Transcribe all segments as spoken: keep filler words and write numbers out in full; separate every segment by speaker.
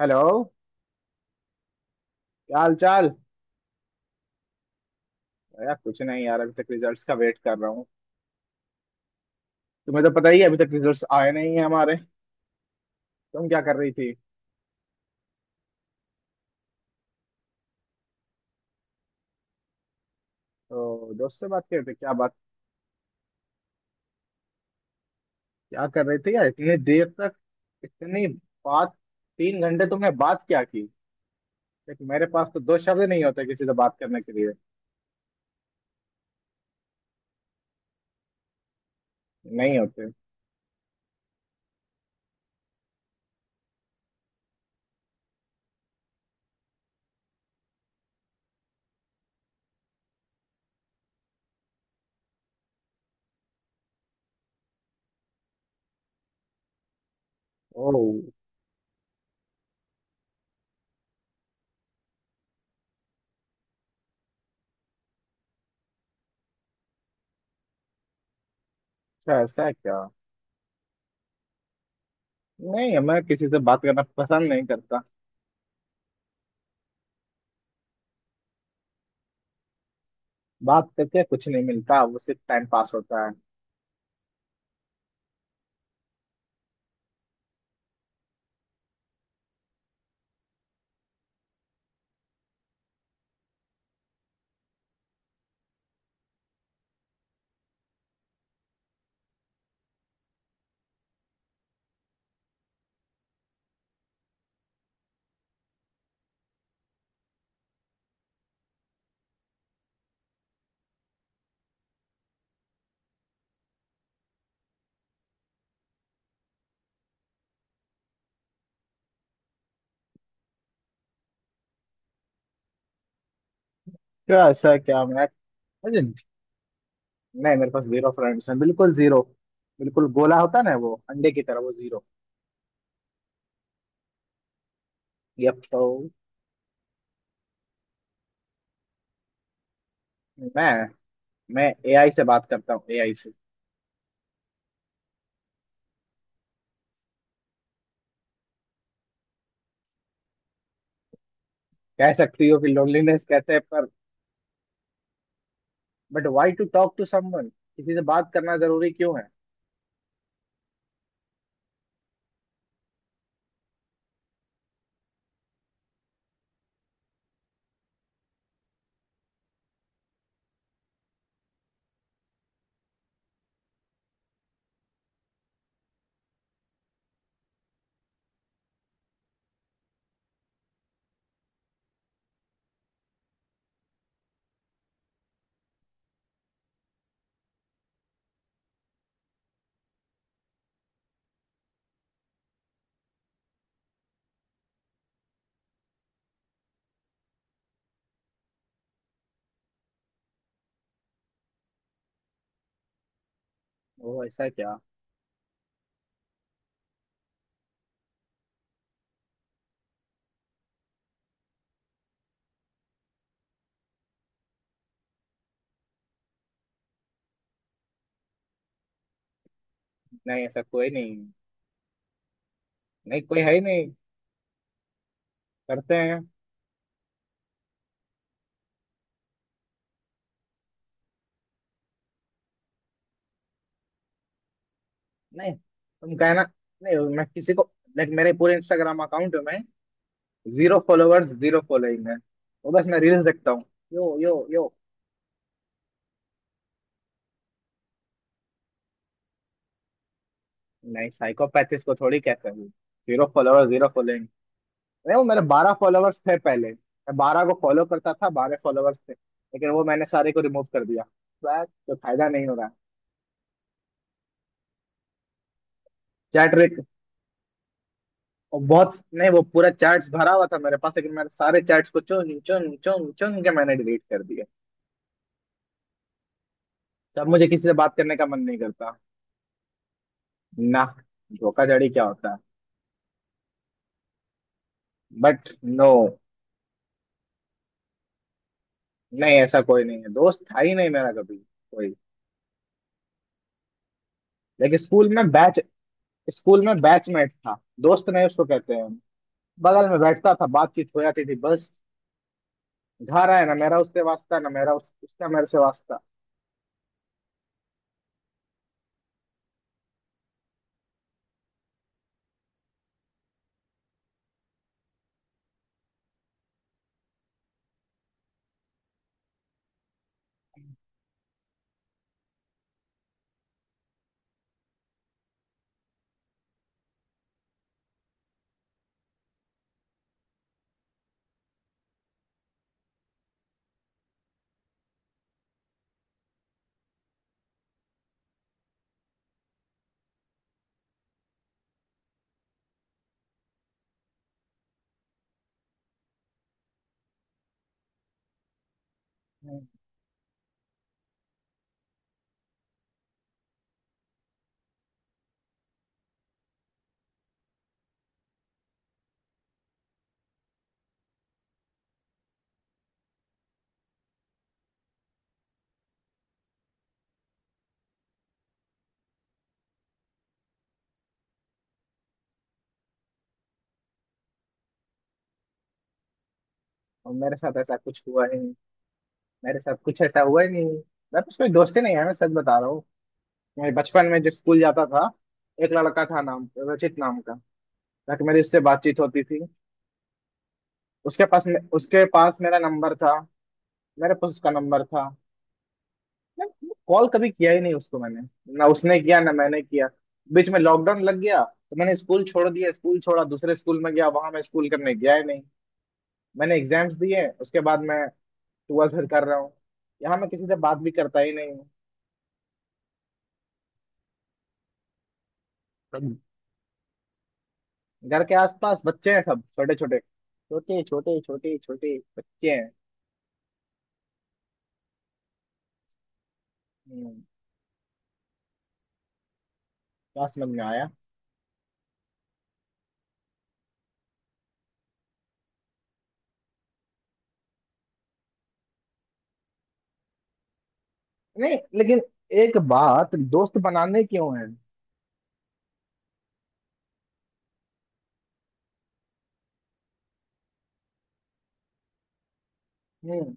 Speaker 1: Hello. क्या हाल चाल। यार कुछ नहीं यार, अभी तक रिजल्ट्स का वेट कर रहा हूँ। तुम्हें तो पता ही है, अभी तक रिजल्ट्स आए नहीं है हमारे। तुम क्या कर रही थी? तो दोस्त से बात कर रहे थे, क्या बात। क्या कर रहे थे यार इतनी देर तक। इतनी बात? तीन घंटे तुमने बात क्या की? देख, मेरे पास तो दो शब्द नहीं होते किसी से बात करने के लिए। नहीं होते। ओह अच्छा, ऐसा है क्या? नहीं, मैं किसी से बात करना पसंद नहीं करता। बात करके कुछ नहीं मिलता, वो सिर्फ टाइम पास होता है। क्या ऐसा है क्या? मैं मुझे नहीं, मेरे पास जीरो फ्रेंड्स हैं, बिल्कुल जीरो। बिल्कुल गोला होता है ना वो अंडे की तरह, वो जीरो। यप तो मैं मैं एआई से बात करता हूँ, एआई से। कह सकती हो कि लोनलीनेस कहते हैं, पर but why to talk to someone, किसी से बात करना जरूरी क्यों है? ओ ऐसा क्या? नहीं ऐसा कोई नहीं। नहीं, कोई है ही नहीं। करते हैं। नहीं तुम कहना, नहीं मैं किसी को। लाइक मेरे पूरे इंस्टाग्राम अकाउंट में जीरो फॉलोअर्स, जीरो फॉलोइंग है। वो बस मैं रील्स देखता हूँ, यो यो यो। नहीं, साइकोपैथ इसको थोड़ी कहते हैं। Zero follower, zero following. नहीं, वो मेरे बारह फॉलोवर्स थे पहले, मैं बारह को फॉलो करता था, बारह फॉलोवर्स थे, लेकिन वो मैंने सारे को रिमूव कर दिया, तो तो फायदा नहीं हो रहा। चैट रिक बहुत नहीं, वो पूरा चैट्स भरा हुआ था मेरे पास, लेकिन मैंने सारे चैट्स को चुन चुन चुन चुन के मैंने डिलीट कर दिए। तब मुझे किसी से बात करने का मन नहीं करता। ना। धोखाधड़ी क्या होता है? But no. नहीं ऐसा कोई नहीं है, दोस्त था ही नहीं मेरा कभी कोई। लेकिन स्कूल में बैच स्कूल में बैचमेट था, दोस्त नहीं उसको कहते। हैं बगल में बैठता था, बातचीत हो जाती थी बस। घर आए ना मेरा उससे वास्ता, ना मेरा उस, उसका मेरे से वास्ता। हम्म। और मेरे साथ ऐसा कुछ हुआ ही नहीं। मेरे साथ कुछ ऐसा हुआ ही नहीं, मेरे पास कोई दोस्ती नहीं है, मैं सच बता रहा हूँ। मैं बचपन में जब स्कूल जाता था, एक लड़का था नाम रचित नाम का, ताकि मेरी उससे बातचीत होती थी। उसके पास उसके पास मेरा नंबर था, मेरे पास उसका नंबर था। कॉल कभी किया ही नहीं उसको मैंने, ना उसने किया ना मैंने किया। बीच में लॉकडाउन लग गया, तो मैंने स्कूल छोड़ दिया, स्कूल छोड़ा, दूसरे स्कूल में गया, वहां मैं स्कूल करने गया ही नहीं। मैंने एग्जाम्स दिए, उसके बाद मैं ट्वेल्थ फिर कर रहा हूँ। यहाँ मैं किसी से बात भी करता ही नहीं हूँ। सब घर के आसपास बच्चे हैं, सब छोटे छोटे, छोटे छोटे छोटे छोटे बच्चे हैं। हम्म। क्या समझ में आया? नहीं लेकिन एक बात, दोस्त बनाने क्यों है? हम्म।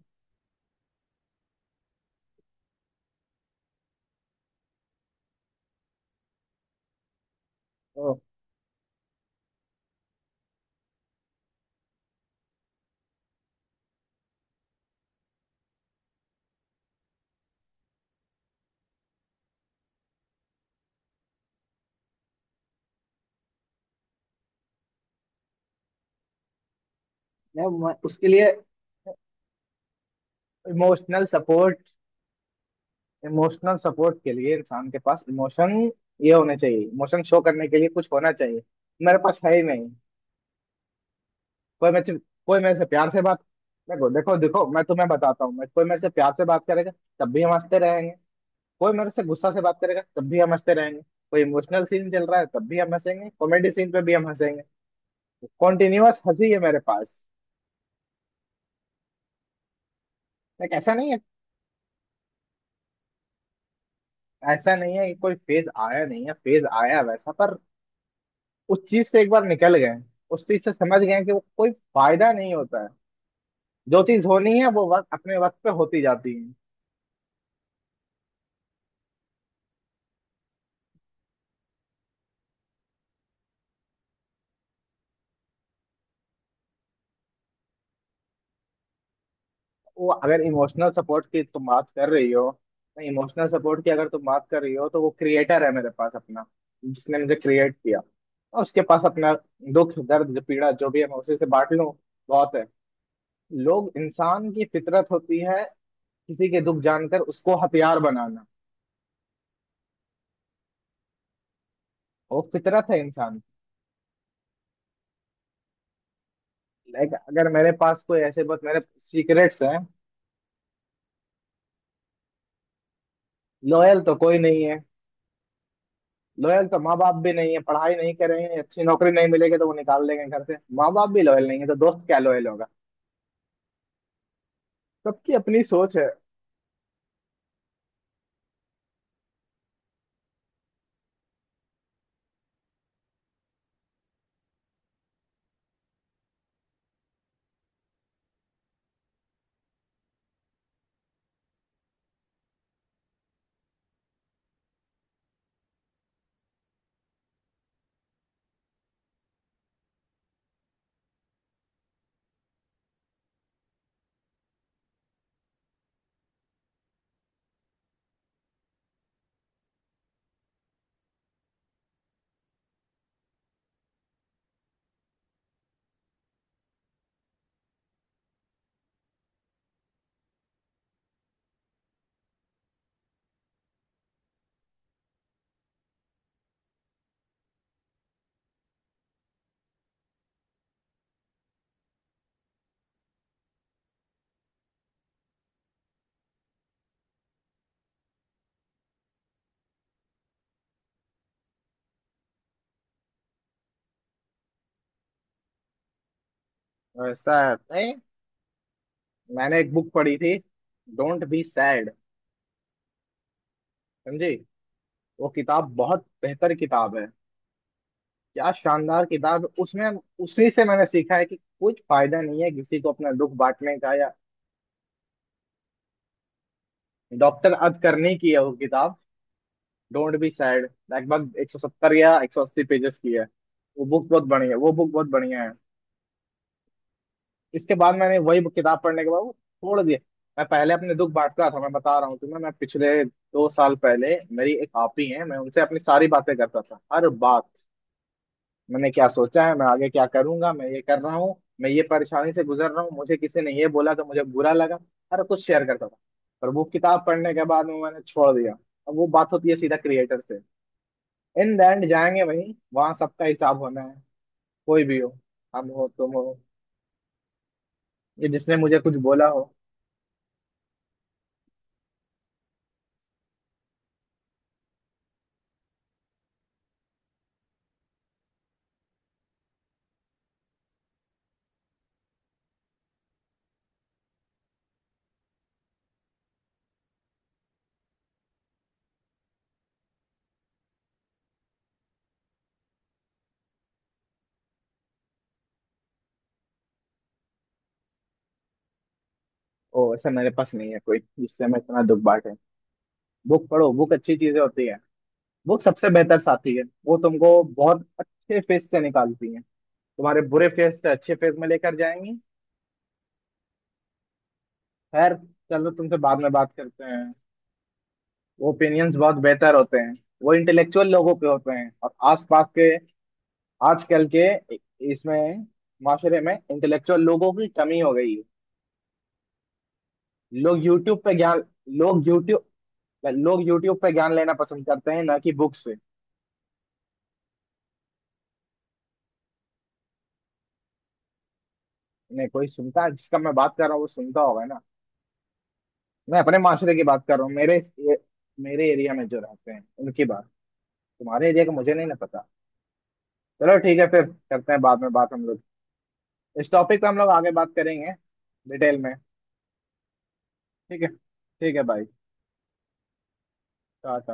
Speaker 1: तो मैं मैं उसके लिए, इमोशनल सपोर्ट। इमोशनल सपोर्ट के लिए इंसान के पास इमोशन, ये होने चाहिए, इमोशन शो करने के लिए कुछ होना चाहिए, मेरे पास है ही नहीं। कोई मेरे से- कोई मेरे से प्यार से बात। देखो देखो देखो मैं तुम्हें बताता हूँ, मैं कोई मेरे से प्यार से बात करेगा तब भी हम हंसते रहेंगे, कोई मेरे से गुस्सा से बात करेगा तब भी हम हंसते रहेंगे, कोई इमोशनल सीन चल रहा है तब भी हम हंसेंगे, कॉमेडी सीन पे भी हम हंसेंगे, कॉन्टिन्यूअस हंसी है मेरे पास। लाइक ऐसा नहीं है। ऐसा नहीं है कि कोई फेज आया नहीं है, फेज आया है वैसा, पर उस चीज से एक बार निकल गए, उस चीज से समझ गए कि वो कोई फायदा नहीं होता है, जो चीज होनी है वो वक्त अपने वक्त पे होती जाती है। वो अगर इमोशनल सपोर्ट की तुम बात कर रही हो, इमोशनल सपोर्ट की अगर तुम बात कर रही हो, तो वो क्रिएटर है मेरे पास अपना, जिसने मुझे क्रिएट किया, और उसके पास अपना दुख दर्द जो पीड़ा जो भी है, मैं उसी से बांट लूं। बहुत है। लोग इंसान की फितरत होती है, किसी के दुख जानकर उसको हथियार बनाना, वो फितरत है इंसान। लाइक अगर मेरे पास कोई ऐसे बहुत मेरे सीक्रेट्स हैं, लॉयल तो कोई नहीं है। लॉयल तो माँ बाप भी नहीं है, पढ़ाई नहीं कर रहे हैं, अच्छी नौकरी नहीं मिलेगी तो वो निकाल देंगे घर से, माँ बाप भी लॉयल नहीं है, तो दोस्त क्या लॉयल होगा। सबकी अपनी सोच है। ऐसा नहीं, मैंने एक बुक पढ़ी थी, डोंट बी सैड, समझी। वो किताब बहुत बेहतर किताब है, क्या शानदार किताब है। उसमें, उसी से मैंने सीखा है कि कुछ फायदा नहीं है किसी को अपना दुख बांटने का, या डॉक्टर अद करने की है वो किताब, डोंट बी सैड लगभग एक सौ सत्तर या एक सौ अस्सी पेजेस की है। वो बुक बहुत बढ़िया है, वो बुक बहुत बढ़िया है। इसके बाद मैंने वही book- किताब पढ़ने के बाद वो छोड़ दिया। मैं पहले अपने दुख बांटता था, मैं बता रहा हूँ तुम्हें, मैं पिछले दो साल पहले, मेरी एक आपी है, मैं उनसे अपनी सारी बातें करता था, हर बात, मैंने क्या सोचा है, मैं आगे क्या करूंगा, मैं ये कर रहा हूँ, मैं ये परेशानी से गुजर रहा हूँ, मुझे किसी ने ये बोला तो मुझे बुरा लगा, हर कुछ शेयर करता था। पर वो किताब पढ़ने के बाद वो मैंने छोड़ दिया। अब वो बात होती है सीधा क्रिएटर से। इन द एंड जाएंगे भाई, वहां सबका हिसाब होना है, कोई भी हो, हम हो तुम हो ये जिसने मुझे कुछ बोला हो। ओ ऐसा, मेरे पास नहीं है कोई जिससे मैं इतना दुख बांटे। बुक पढ़ो, बुक अच्छी चीजें होती है। बुक सबसे बेहतर साथी है, वो तुमको बहुत अच्छे फेस से निकालती है, तुम्हारे बुरे फेस से अच्छे फेस में लेकर जाएंगी। खैर, चलो तुमसे बाद में बात करते हैं। ओपिनियंस बहुत बेहतर होते हैं, वो इंटेलेक्चुअल लोगों पे होते हैं, और आसपास के आजकल के इसमें माशरे में इंटेलेक्चुअल लोगों की कमी हो गई है। लोग यूट्यूब पे ज्ञान लोग यूट्यूब लोग यूट्यूब पे ज्ञान लेना पसंद करते हैं ना कि बुक से। नहीं कोई सुनता है, जिसका मैं बात कर रहा हूँ वो सुनता होगा ना। मैं अपने माशरे की बात कर रहा हूँ, मेरे मेरे एरिया में जो रहते हैं उनकी बात, तुम्हारे एरिया का मुझे नहीं ना पता। चलो ठीक है फिर, करते हैं बाद में बात हम लोग, इस टॉपिक पे हम लोग आगे बात करेंगे, डिटेल में। ठीक है, ठीक है भाई, टाटा।